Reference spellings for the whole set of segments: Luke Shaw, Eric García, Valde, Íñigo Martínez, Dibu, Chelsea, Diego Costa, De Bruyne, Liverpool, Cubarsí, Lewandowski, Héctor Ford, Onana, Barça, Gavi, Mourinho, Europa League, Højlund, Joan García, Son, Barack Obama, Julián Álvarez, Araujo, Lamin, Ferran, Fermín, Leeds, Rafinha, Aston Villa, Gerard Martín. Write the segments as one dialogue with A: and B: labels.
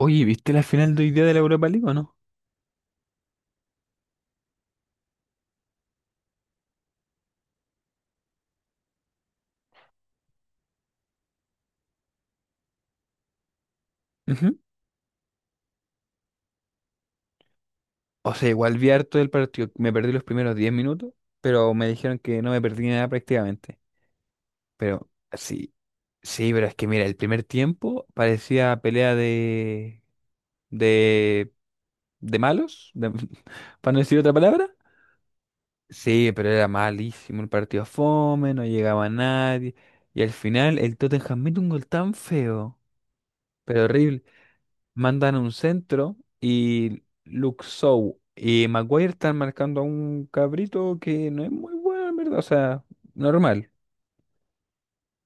A: Oye, ¿viste la final de hoy día de la Europa League o no? Ujú. O sea, igual vi harto del partido. Me perdí los primeros 10 minutos, pero me dijeron que no me perdí nada prácticamente. Pero sí, sí, pero es que mira, el primer tiempo parecía pelea de, de, de malos, para no decir otra palabra. Sí, pero era malísimo el partido fome, no llegaba nadie. Y al final el Tottenham mete un gol tan feo, pero horrible. Mandan a un centro y Luke Shaw y Maguire están marcando a un cabrito que no es muy bueno, en verdad, o sea, normal.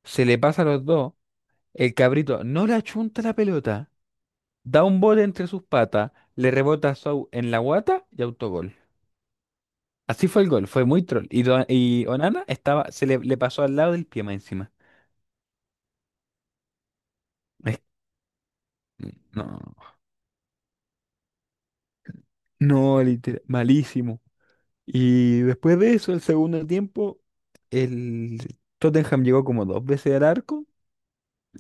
A: Se le pasa a los dos, el cabrito no le achunta la pelota, da un bote entre sus patas, le rebota a Shaw en la guata y autogol. Así fue el gol, fue muy troll. Y Onana estaba, se le pasó al lado del pie más encima. Es- no, no, literal, malísimo. Y después de eso, el segundo tiempo, el Tottenham llegó como dos veces al arco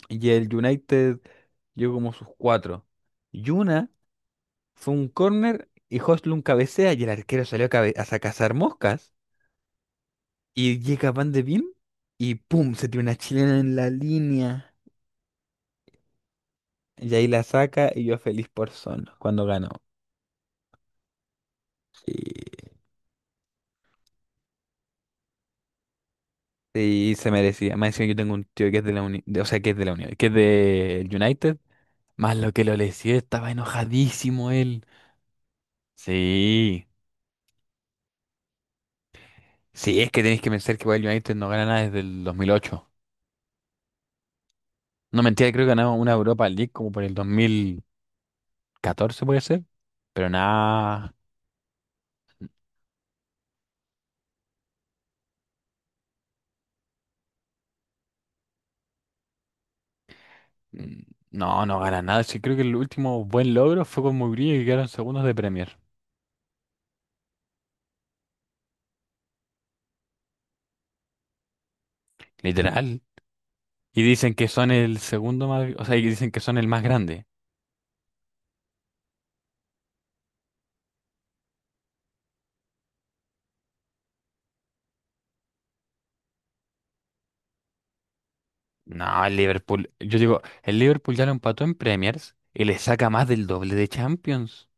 A: y el United llegó como sus cuatro. Y una fue un córner y Højlund cabecea y el arquero salió a cazar moscas y llega Van de Beem y ¡pum! Se tiene una chilena en la línea y ahí la saca y yo feliz por Son cuando ganó. Y, y se merecía. Más encima yo tengo un tío que es de la Unión, o sea, que es de la Unión, que es de United. Más lo que lo lesió, estaba enojadísimo él. Sí. Sí, es que tenéis que pensar que Wild United no gana nada desde el 2008. No, mentira, creo que ganamos una Europa League como por el 2014, puede ser. Pero nada. mm, No, no gana nada. Sí, creo que el último buen logro fue con Mourinho que quedaron segundos de Premier. Literal. Y dicen que son el segundo más. O sea, y dicen que son el más grande. No, el Liverpool. Yo digo, el Liverpool ya lo empató en Premiers y le saca más del doble de Champions.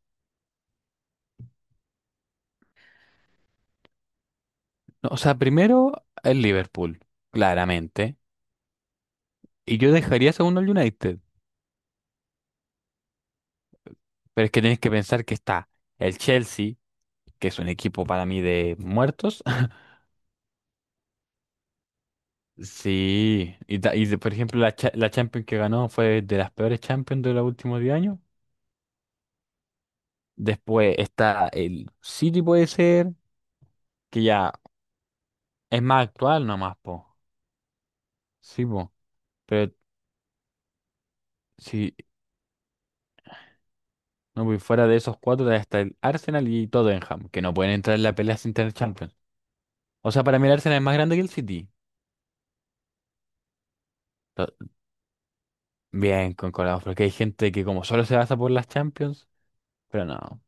A: No, o sea, primero el Liverpool, claramente. Y yo dejaría segundo el United. Pero es que tienes que pensar que está el Chelsea, que es un equipo para mí de muertos. Sí. Y, por ejemplo, la Champions que ganó fue de las peores Champions de los últimos 10 años. Después está el City, puede ser, que ya es más actual nomás, po. Sí, po. Pero si no voy fuera de esos cuatro, está el Arsenal y Tottenham, que no pueden entrar en la pelea sin tener Champions. O sea, para mí el Arsenal es más grande que el City. To- Bien, concordamos, porque hay gente que como solo se basa por las Champions, pero no.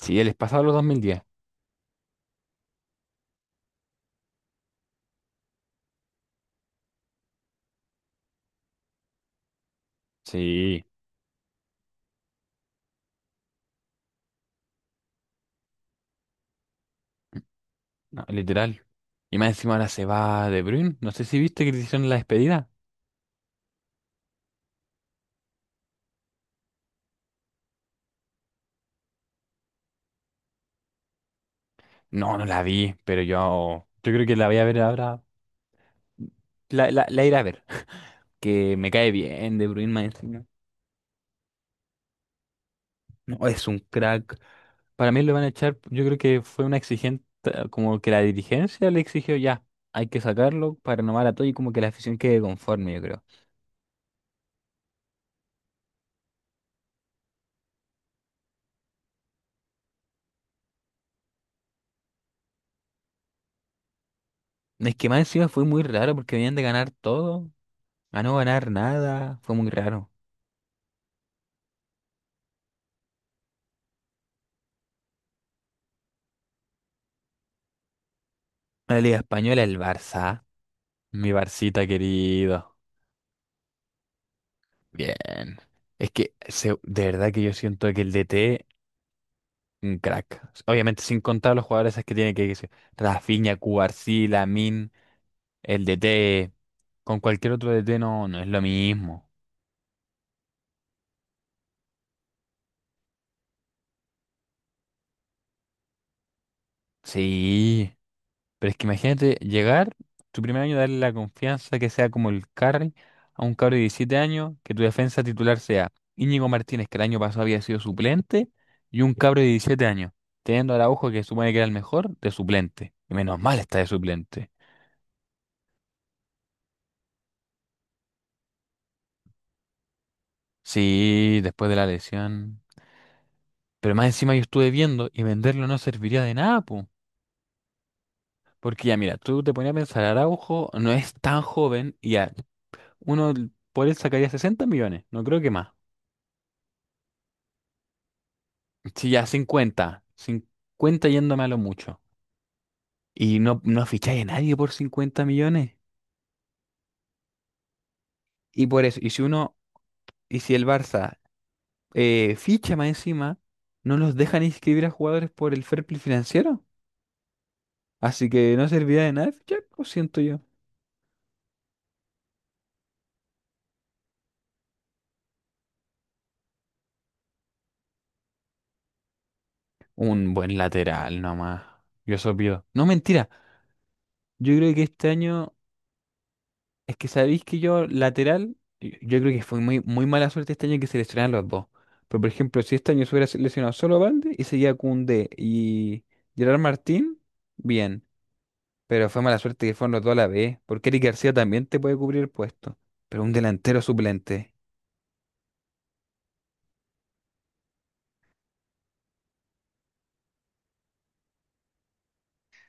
A: Sí, él es pasado los 2010. Sí, no, literal. Y más encima ahora se va De Bruyne. No sé si viste que le hicieron la despedida. No, no la vi, pero yo creo que la voy a ver ahora. La iré a ver. Que me cae bien De Bruyne más encima. No, es un crack. Para mí lo van a echar, yo creo que fue una exigente, como que la dirigencia le exigió ya, hay que sacarlo para renovar a todo y como que la afición quede conforme, yo creo. Es que más encima fue muy raro porque venían de ganar todo, a no ganar nada, fue muy raro. La Liga Española, el Barça, mi Barcita querido. Bien. Es que de verdad que yo siento que el DT, un crack. Obviamente sin contar los jugadores esos que tiene que decir, Rafinha, Cubarsí, Lamin. El DT con cualquier otro DT no, no es lo mismo. Sí, pero es que imagínate llegar tu primer año, darle la confianza que sea como el carry a un cabro de 17 años, que tu defensa titular sea Íñigo Martínez, que el año pasado había sido suplente, y un cabro de 17 años, teniendo a Araujo, que supone que era el mejor, de suplente. Y menos mal está de suplente. Sí, después de la lesión. Pero más encima yo estuve viendo y venderlo no serviría de nada, po. Porque ya, mira, tú te ponías a pensar, Araujo no es tan joven y ya, uno por él sacaría 60 millones, no creo que más. Sí, ya 50 50 yéndome a lo mucho. Y no, no ficháis a nadie por 50 millones. Y por eso, y si uno, y si el Barça ficha más encima, no los dejan inscribir a jugadores por el fair play financiero. Así que no serviría de nada fichar, lo siento yo. Un buen lateral nomás, yo eso pido. No, mentira, yo creo que este año. Es que sabéis que yo, lateral, yo creo que fue muy, muy mala suerte este año que se lesionaron los dos. Pero, por ejemplo, si este año se hubiera lesionado solo Valde y seguía Koundé y Gerard Martín, bien. Pero fue mala suerte que fueron los dos a la vez, porque Eric García también te puede cubrir el puesto. Pero un delantero suplente.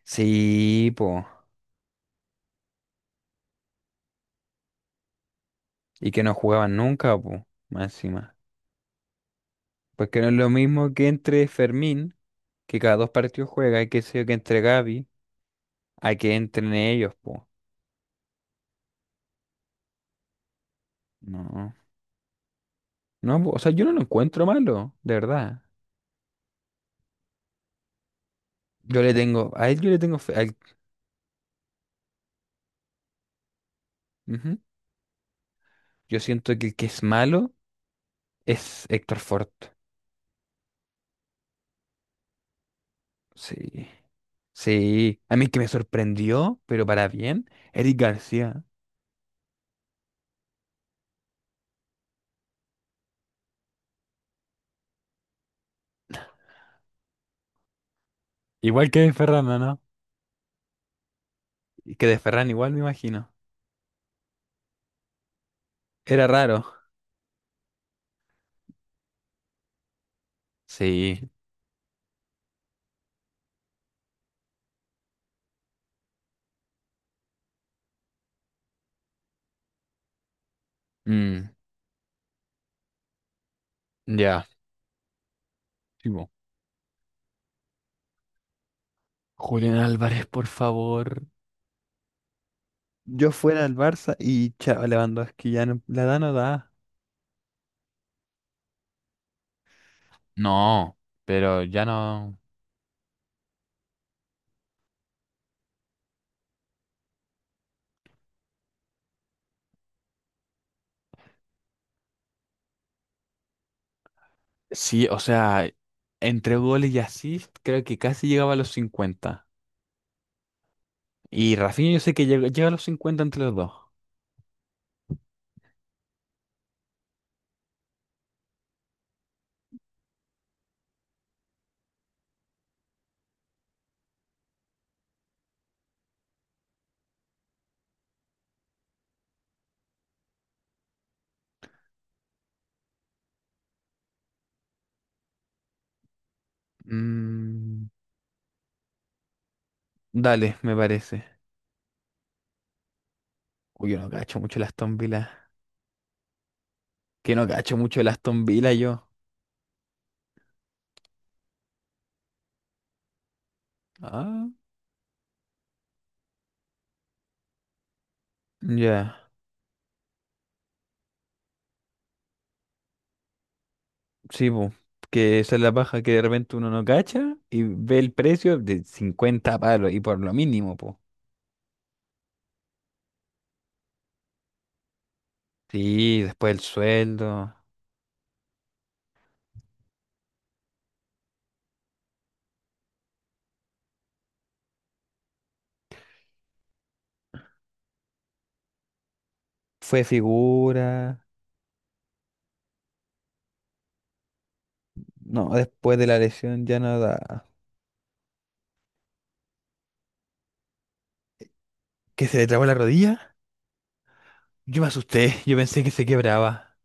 A: Sí, po. Y que no jugaban nunca, po. Más encima. Porque no es lo mismo que entre Fermín, que cada dos partidos juega, y que sé yo, que entre Gavi, a que entren ellos, po. No. No, o sea, yo no lo encuentro malo, de verdad. Yo le tengo, a él yo le tengo fe. Ujú. Yo siento que el que es malo es Héctor Ford. Sí, sí. A mí que me sorprendió, pero para bien, Eric García. Igual que Ferranda, ¿no? Y que de Ferran igual me imagino. Era raro. Sí. Mm, ya. Sí, po. Julián Álvarez, por favor. Yo fuera al Barça y chao, Lewandowski ya no, la da no da. No, pero ya no. Sí, o sea, entre goles y asist creo que casi llegaba a los 50. Y Rafinha yo sé que llega a los 50 entre los dos. Mm, dale, me parece. Uy, yo no cacho mucho el Aston Villa. Que no cacho mucho el Aston Villa yo. Ah, ya. Sí, po, que esa es la paja que de repente uno no cacha y ve el precio de 50 palos y por lo mínimo, po. Sí, después el sueldo, fue figura, no, después de la lesión ya nada. ¿Que se le trabó la rodilla? Yo me asusté, yo pensé que se quebraba.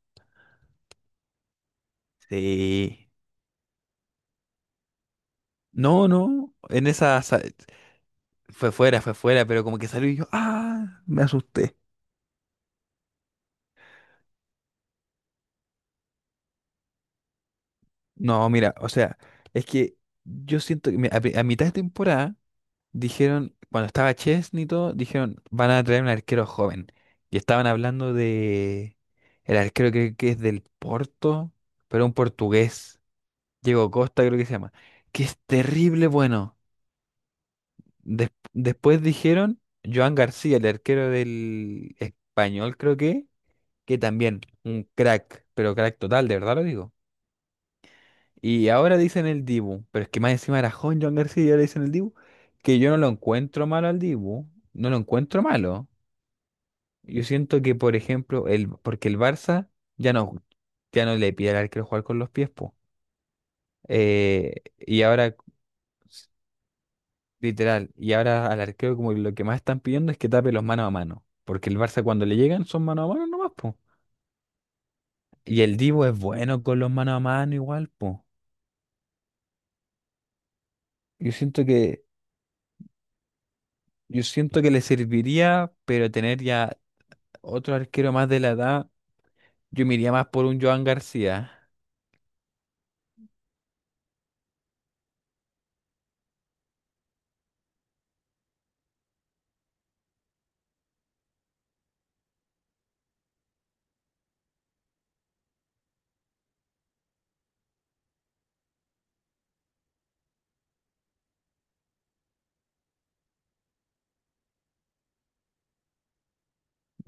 A: Sí. No, no, en esa fue fuera, pero como que salió y yo, ah, me asusté. No, mira, o sea, es que yo siento que a mitad de temporada dijeron, cuando estaba Chesney y todo, dijeron, van a traer un arquero joven. Y estaban hablando de el arquero que es del Porto, pero un portugués, Diego Costa creo que se llama, que es terrible bueno. Después dijeron Joan García, el arquero del español creo que también un crack, pero crack total, de verdad lo digo. Y ahora dicen el Dibu, pero es que más encima era joven John García y ahora dicen el Dibu, que yo no lo encuentro malo al Dibu, no lo encuentro malo. Yo siento que, por ejemplo, porque el Barça ya no, ya no le pide al arquero jugar con los pies, po. Y ahora, s- literal, y ahora al arquero como lo que más están pidiendo es que tape los mano a mano, porque el Barça cuando le llegan son mano a mano nomás, po. Y el Dibu es bueno con los mano a mano igual, po. Yo siento que... Yo siento que le serviría, pero tener ya otro arquero más de la edad, yo me iría más por un Joan García.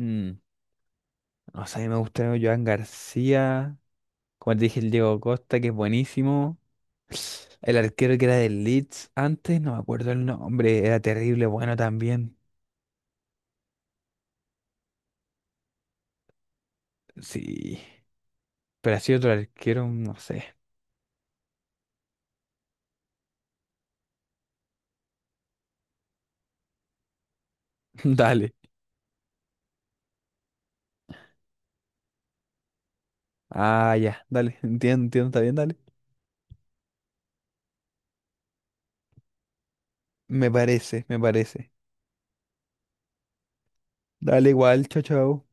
A: Mm, no sé, me gusta un Joan García. Como te dije, el Diego Costa, que es buenísimo. El arquero que era del Leeds antes, no me acuerdo el nombre, era terrible, bueno también. Sí, pero así otro arquero, no sé. Dale. Ah, ya, dale, entiendo, entiendo, está bien, dale. Me parece, me parece. Dale igual, chao, chao.